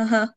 Aha.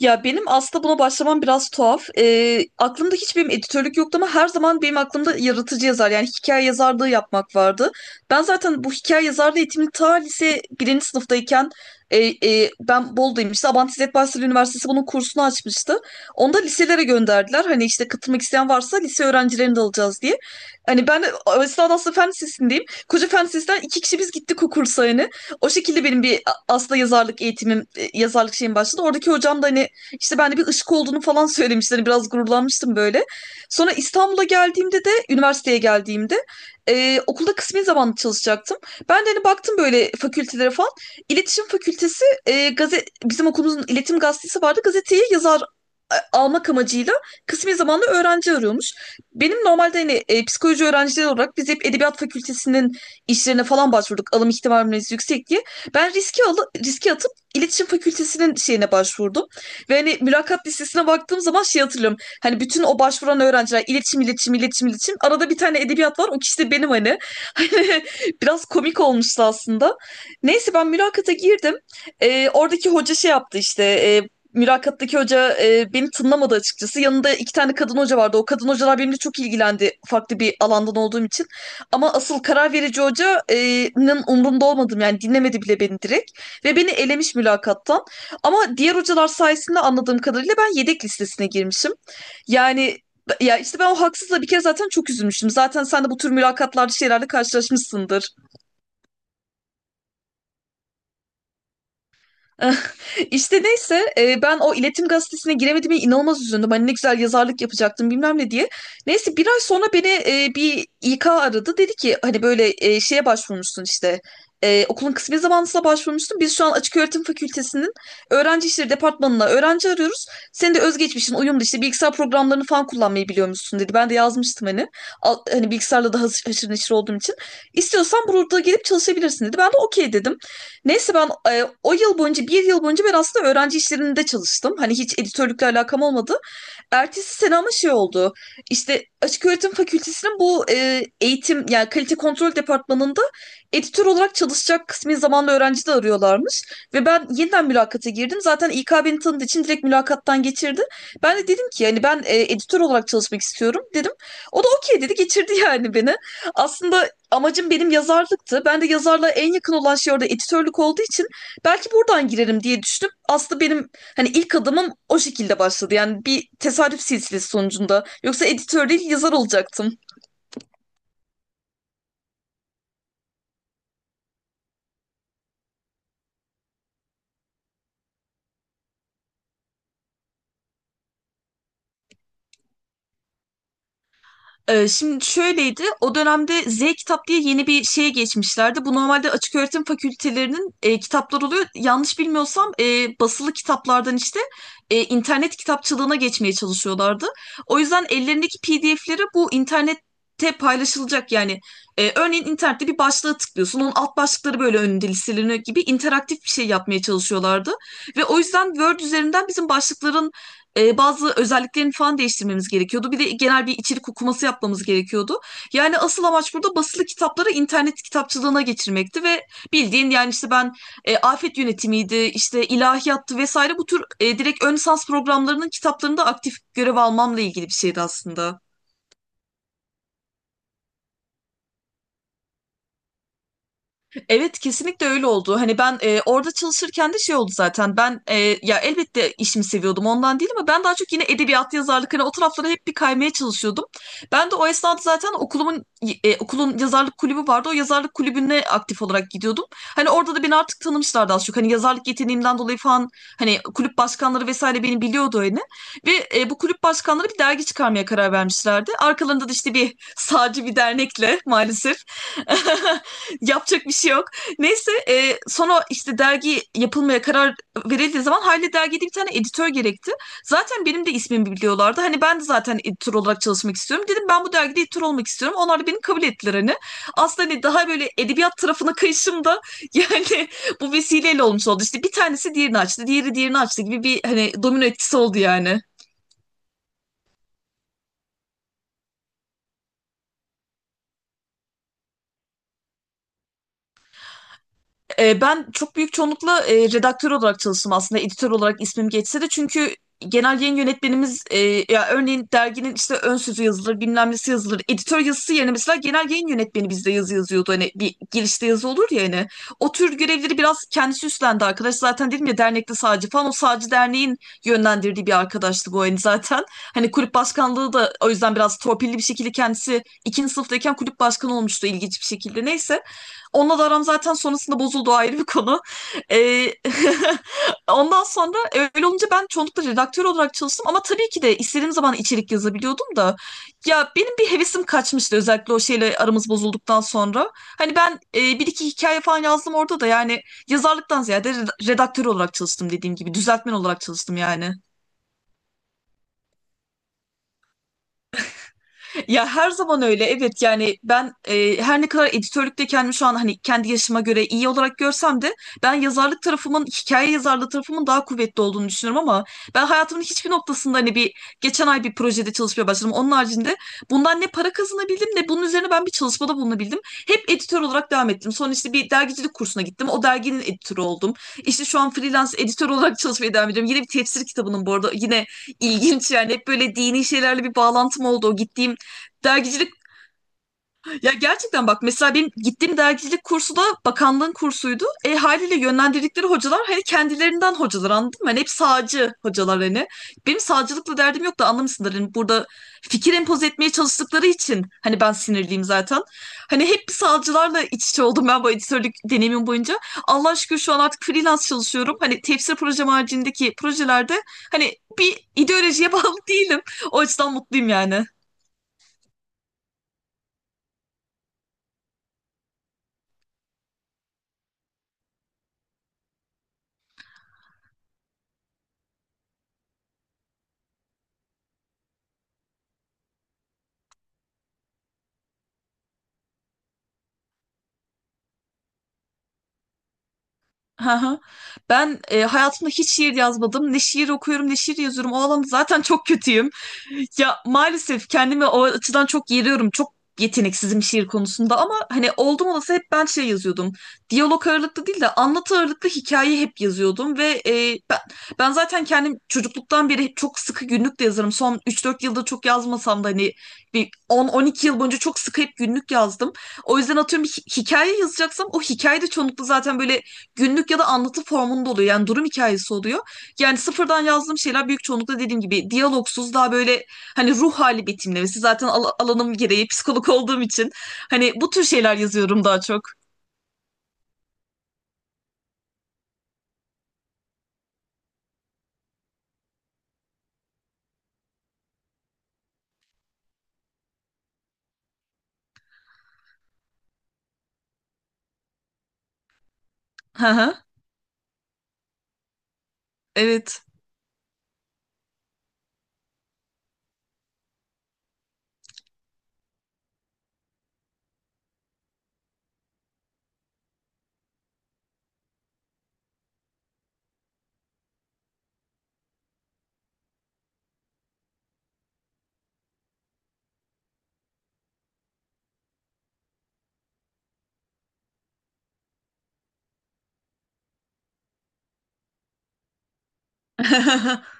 Ya benim aslında buna başlamam biraz tuhaf. Aklımda hiç benim editörlük yoktu ama her zaman benim aklımda yaratıcı yazar yani hikaye yazarlığı yapmak vardı. Ben zaten bu hikaye yazarlığı eğitimini ta lise birinci sınıftayken ben Bolu'dayım işte Abant İzzet Baysal Üniversitesi bunun kursunu açmıştı. Onu da liselere gönderdiler. Hani işte katılmak isteyen varsa lise öğrencilerini de alacağız diye. Hani ben de aslında fen lisesindeyim. Koca fen lisesinden iki kişi biz gittik o kursa hani. O şekilde benim bir aslında yazarlık eğitimim, yazarlık şeyim başladı. Oradaki hocam da hani işte ben de bir ışık olduğunu falan söylemişler. Biraz gururlanmıştım böyle. Sonra İstanbul'a geldiğimde de üniversiteye geldiğimde okulda kısmi zamanlı çalışacaktım. Ben de hani baktım böyle fakültelere falan. İletişim Fakültesi gazet bizim okulumuzun iletişim gazetesi vardı. Gazeteyi yazar almak amacıyla kısmi zamanlı öğrenci arıyormuş. Benim normalde hani psikoloji öğrencileri olarak biz hep edebiyat fakültesinin işlerine falan başvurduk. Alım ihtimalimiz yüksek diye. Ben riski atıp iletişim fakültesinin şeyine başvurdum. Ve hani mülakat listesine baktığım zaman şey hatırlıyorum. Hani bütün o başvuran öğrenciler iletişim, iletişim, iletişim, iletişim. Arada bir tane edebiyat var. O kişi de benim hani. Hani biraz komik olmuştu aslında. Neyse ben mülakata girdim. Oradaki hoca şey yaptı işte. Mülakattaki hoca beni tınlamadı açıkçası. Yanında iki tane kadın hoca vardı. O kadın hocalar benimle çok ilgilendi farklı bir alandan olduğum için. Ama asıl karar verici hocanın umrunda olmadım yani dinlemedi bile beni direkt. Ve beni elemiş mülakattan. Ama diğer hocalar sayesinde anladığım kadarıyla ben yedek listesine girmişim. Yani ya işte ben o haksızla bir kere zaten çok üzülmüştüm. Zaten sen de bu tür mülakatlarda şeylerle karşılaşmışsındır. İşte neyse ben o iletişim gazetesine giremediğime inanılmaz üzüldüm. Hani ne güzel yazarlık yapacaktım bilmem ne diye. Neyse bir ay sonra beni bir İK aradı. Dedi ki hani böyle şeye başvurmuşsun işte. Okulun kısmi zamanlısına başvurmuşsun. Biz şu an Açık Öğretim Fakültesi'nin öğrenci işleri departmanına öğrenci arıyoruz. Senin de özgeçmişin uyumlu işte bilgisayar programlarını falan kullanmayı biliyormuşsun dedi. Ben de yazmıştım hani. Hani bilgisayarla da haşır haşır neşir olduğum için. İstiyorsan burada gelip çalışabilirsin dedi. Ben de okey dedim. Neyse ben o yıl boyunca bir yıl boyunca ben aslında öğrenci işlerinde çalıştım. Hani hiç editörlükle alakam olmadı. Ertesi sene ama şey oldu. İşte Açık Öğretim Fakültesinin bu eğitim yani kalite kontrol departmanında editör olarak çalışacak kısmi zamanlı öğrenci de arıyorlarmış. Ve ben yeniden mülakata girdim. Zaten İK beni tanıdığı için direkt mülakattan geçirdi. Ben de dedim ki yani ben editör olarak çalışmak istiyorum dedim. O da okey dedi geçirdi yani beni. Aslında amacım benim yazarlıktı. Ben de yazarlığa en yakın olan şey orada editörlük olduğu için belki buradan girerim diye düşündüm. Aslında benim hani ilk adımım o şekilde başladı. Yani bir tesadüf silsilesi sonucunda. Yoksa editör değil yazar olacaktım. Şimdi şöyleydi, o dönemde Z kitap diye yeni bir şeye geçmişlerdi. Bu normalde açık öğretim fakültelerinin kitapları oluyor. Yanlış bilmiyorsam basılı kitaplardan işte internet kitapçılığına geçmeye çalışıyorlardı. O yüzden ellerindeki PDF'leri bu internette paylaşılacak yani. Örneğin internette bir başlığa tıklıyorsun, onun alt başlıkları böyle önünde listeleniyor gibi interaktif bir şey yapmaya çalışıyorlardı. Ve o yüzden Word üzerinden bizim başlıkların bazı özelliklerini falan değiştirmemiz gerekiyordu. Bir de genel bir içerik okuması yapmamız gerekiyordu. Yani asıl amaç burada basılı kitapları internet kitapçılığına geçirmekti ve bildiğin yani işte ben afet yönetimiydi, işte ilahiyattı vesaire bu tür direkt ön lisans programlarının kitaplarında aktif görev almamla ilgili bir şeydi aslında. Evet kesinlikle öyle oldu. Hani ben orada çalışırken de şey oldu zaten. Ben ya elbette işimi seviyordum ondan değil ama ben daha çok yine edebiyat, yazarlık hani o taraflara hep bir kaymaya çalışıyordum. Ben de o esnada zaten okulun yazarlık kulübü vardı. O yazarlık kulübüne aktif olarak gidiyordum. Hani orada da beni artık tanımışlardı az çok. Hani yazarlık yeteneğimden dolayı falan hani kulüp başkanları vesaire beni biliyordu hani. Ve bu kulüp başkanları bir dergi çıkarmaya karar vermişlerdi. Arkalarında da işte bir sağcı bir dernekle maalesef yapacak bir şey yok. Neyse sonra işte dergi yapılmaya karar verildiği zaman hayli dergide bir tane editör gerekti. Zaten benim de ismimi biliyorlardı. Hani ben de zaten editör olarak çalışmak istiyorum. Dedim ben bu dergide editör olmak istiyorum. Onlar da beni kabul ettiler hani. Aslında hani daha böyle edebiyat tarafına kayışım da yani bu vesileyle olmuş oldu. İşte bir tanesi diğerini açtı, diğeri diğerini açtı gibi bir hani domino etkisi oldu yani. Ben çok büyük çoğunlukla redaktör olarak çalıştım aslında editör olarak ismim geçse de çünkü genel yayın yönetmenimiz ya örneğin derginin işte ön sözü yazılır bilmem nesi yazılır editör yazısı yerine mesela genel yayın yönetmeni bizde yazı yazıyordu hani bir girişte yazı olur ya hani o tür görevleri biraz kendisi üstlendi arkadaş zaten dedim ya dernekte sağcı falan o sağcı derneğin yönlendirdiği bir arkadaştı bu hani zaten hani kulüp başkanlığı da o yüzden biraz torpilli bir şekilde kendisi ikinci sınıftayken kulüp başkanı olmuştu ilginç bir şekilde neyse. Onunla da aram zaten sonrasında bozuldu ayrı bir konu. Ee, ondan sonra öyle olunca ben çoğunlukla redaktör olarak çalıştım ama tabii ki de istediğim zaman içerik yazabiliyordum da ya benim bir hevesim kaçmıştı özellikle o şeyle aramız bozulduktan sonra. Hani ben bir iki hikaye falan yazdım orada da yani yazarlıktan ziyade redaktör olarak çalıştım dediğim gibi düzeltmen olarak çalıştım yani. Ya her zaman öyle evet yani ben her ne kadar editörlükte kendimi şu an hani kendi yaşıma göre iyi olarak görsem de ben yazarlık tarafımın hikaye yazarlığı tarafımın daha kuvvetli olduğunu düşünüyorum ama ben hayatımın hiçbir noktasında hani bir geçen ay bir projede çalışmaya başladım. Onun haricinde bundan ne para kazanabildim ne bunun üzerine ben bir çalışmada bulunabildim. Hep editör olarak devam ettim. Sonra işte bir dergicilik kursuna gittim. O derginin editörü oldum. İşte şu an freelance editör olarak çalışmaya devam ediyorum. Yine bir tefsir kitabının bu arada yine ilginç yani hep böyle dini şeylerle bir bağlantım oldu. O gittiğim dergicilik ya gerçekten bak mesela benim gittiğim dergicilik kursu da bakanlığın kursuydu. E haliyle yönlendirdikleri hocalar hani kendilerinden hocalar anladın mı? Hani hep sağcı hocalar hani. Benim sağcılıkla derdim yok da anlamışsındır. Hani burada fikir empoze etmeye çalıştıkları için hani ben sinirliyim zaten. Hani hep sağcılarla iç içe oldum ben bu editörlük deneyimim boyunca. Allah şükür şu an artık freelance çalışıyorum. Hani tefsir projem haricindeki projelerde hani bir ideolojiye bağlı değilim. O açıdan mutluyum yani. Hı hı. Ben hayatımda hiç şiir yazmadım. Ne şiir okuyorum ne şiir yazıyorum. O alanda zaten çok kötüyüm. Ya maalesef kendimi o açıdan çok yeriyorum. Çok yeteneksizim şiir konusunda ama hani oldum olası hep ben şey yazıyordum. Diyalog ağırlıklı değil de anlatı ağırlıklı hikaye hep yazıyordum ve ben zaten kendim çocukluktan beri hep çok sıkı günlük de yazarım. Son üç dört yılda çok yazmasam da hani bir on on iki yıl boyunca çok sıkı hep günlük yazdım. O yüzden atıyorum bir hikaye yazacaksam o hikaye de çoğunlukla zaten böyle günlük ya da anlatı formunda oluyor. Yani durum hikayesi oluyor. Yani sıfırdan yazdığım şeyler büyük çoğunlukla dediğim gibi diyalogsuz daha böyle hani ruh hali betimlemesi. Zaten alanım gereği psikolog olduğum için hani bu tür şeyler yazıyorum daha çok. Hı hı. Evet.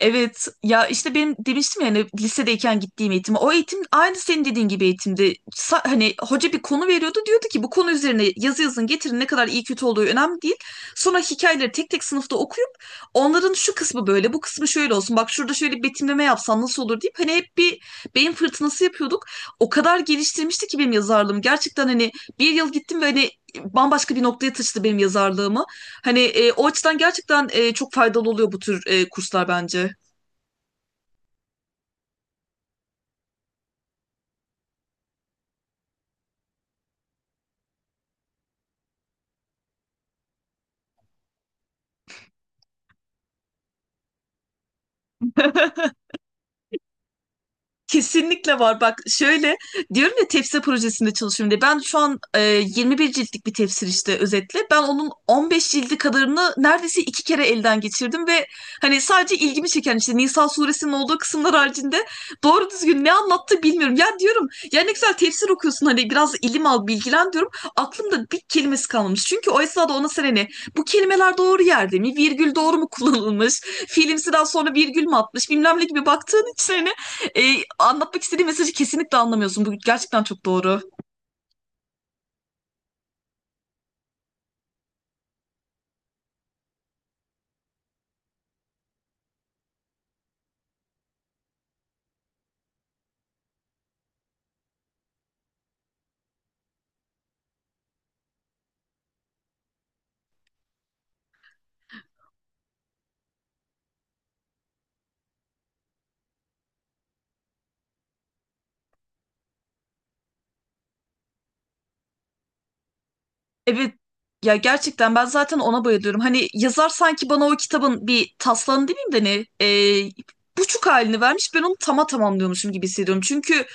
Evet ya işte benim demiştim yani hani lisedeyken gittiğim eğitim o eğitim aynı senin dediğin gibi eğitimdi. Hani hoca bir konu veriyordu diyordu ki bu konu üzerine yazı yazın getirin ne kadar iyi kötü olduğu önemli değil. Sonra hikayeleri tek tek sınıfta okuyup onların şu kısmı böyle bu kısmı şöyle olsun bak şurada şöyle bir betimleme yapsan nasıl olur deyip hani hep bir beyin fırtınası yapıyorduk. O kadar geliştirmişti ki benim yazarlığım gerçekten hani bir yıl gittim ve hani bambaşka bir noktaya taşıdı benim yazarlığımı. Hani o açıdan gerçekten çok faydalı oluyor bu tür kurslar bence. Kesinlikle var. Bak şöyle diyorum ya tefsir projesinde çalışıyorum diye. Ben şu an 21 ciltlik bir tefsir işte özetle. Ben onun 15 cildi kadarını neredeyse iki kere elden geçirdim ve hani sadece ilgimi çeken işte Nisa suresinin olduğu kısımlar haricinde doğru düzgün ne anlattı bilmiyorum. Ya diyorum ya ne güzel tefsir okuyorsun hani biraz ilim al bilgilen diyorum. Aklımda bir kelimesi kalmamış. Çünkü o esnada ona sen hani bu kelimeler doğru yerde mi? Virgül doğru mu kullanılmış? Fiilimsi daha sonra virgül mü atmış? Bilmem ne gibi baktığın için hani anlatmak istediğim mesajı kesinlikle anlamıyorsun. Bu gerçekten çok doğru. Evet ya gerçekten ben zaten ona bayılıyorum. Hani yazar sanki bana o kitabın bir taslağını demeyeyim de ne e, buçuk halini vermiş ben onu tamamlıyormuşum gibi hissediyorum. Çünkü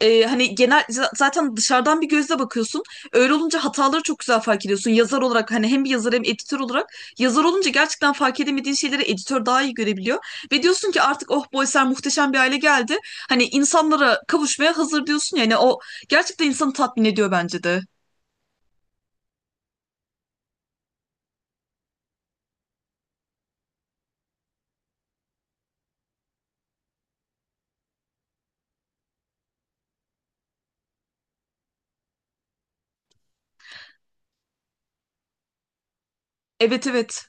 hani genel zaten dışarıdan bir gözle bakıyorsun. Öyle olunca hataları çok güzel fark ediyorsun. Yazar olarak hani hem bir yazar hem editör olarak yazar olunca gerçekten fark edemediğin şeyleri editör daha iyi görebiliyor. Ve diyorsun ki artık oh bu eser muhteşem bir hale geldi. Hani insanlara kavuşmaya hazır diyorsun ya, yani o gerçekten insanı tatmin ediyor bence de. Evet evet.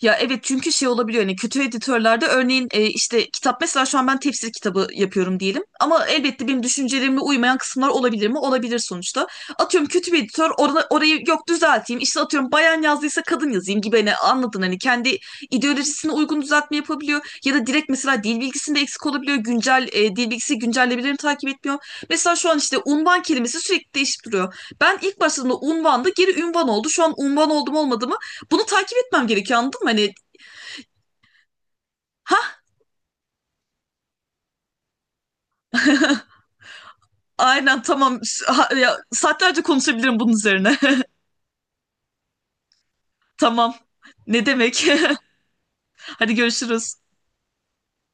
Ya evet çünkü şey olabiliyor hani kötü editörlerde örneğin işte kitap mesela şu an ben tefsir kitabı yapıyorum diyelim ama elbette benim düşüncelerime uymayan kısımlar olabilir mi? Olabilir sonuçta. Atıyorum kötü bir editör orada, orayı yok düzelteyim işte atıyorum bayan yazdıysa kadın yazayım gibi hani anladın hani kendi ideolojisine uygun düzeltme yapabiliyor ya da direkt mesela dil bilgisinde eksik olabiliyor güncel dil bilgisi güncellemelerini takip etmiyor. Mesela şu an işte unvan kelimesi sürekli değişip duruyor. Ben ilk başladığımda unvandı geri ünvan oldu şu an unvan oldum olmadım bunu takip etmem gerekiyor anladın mı? Hani ha aynen tamam. Ha, ya, saatlerce konuşabilirim bunun üzerine. Tamam ne demek? Hadi görüşürüz.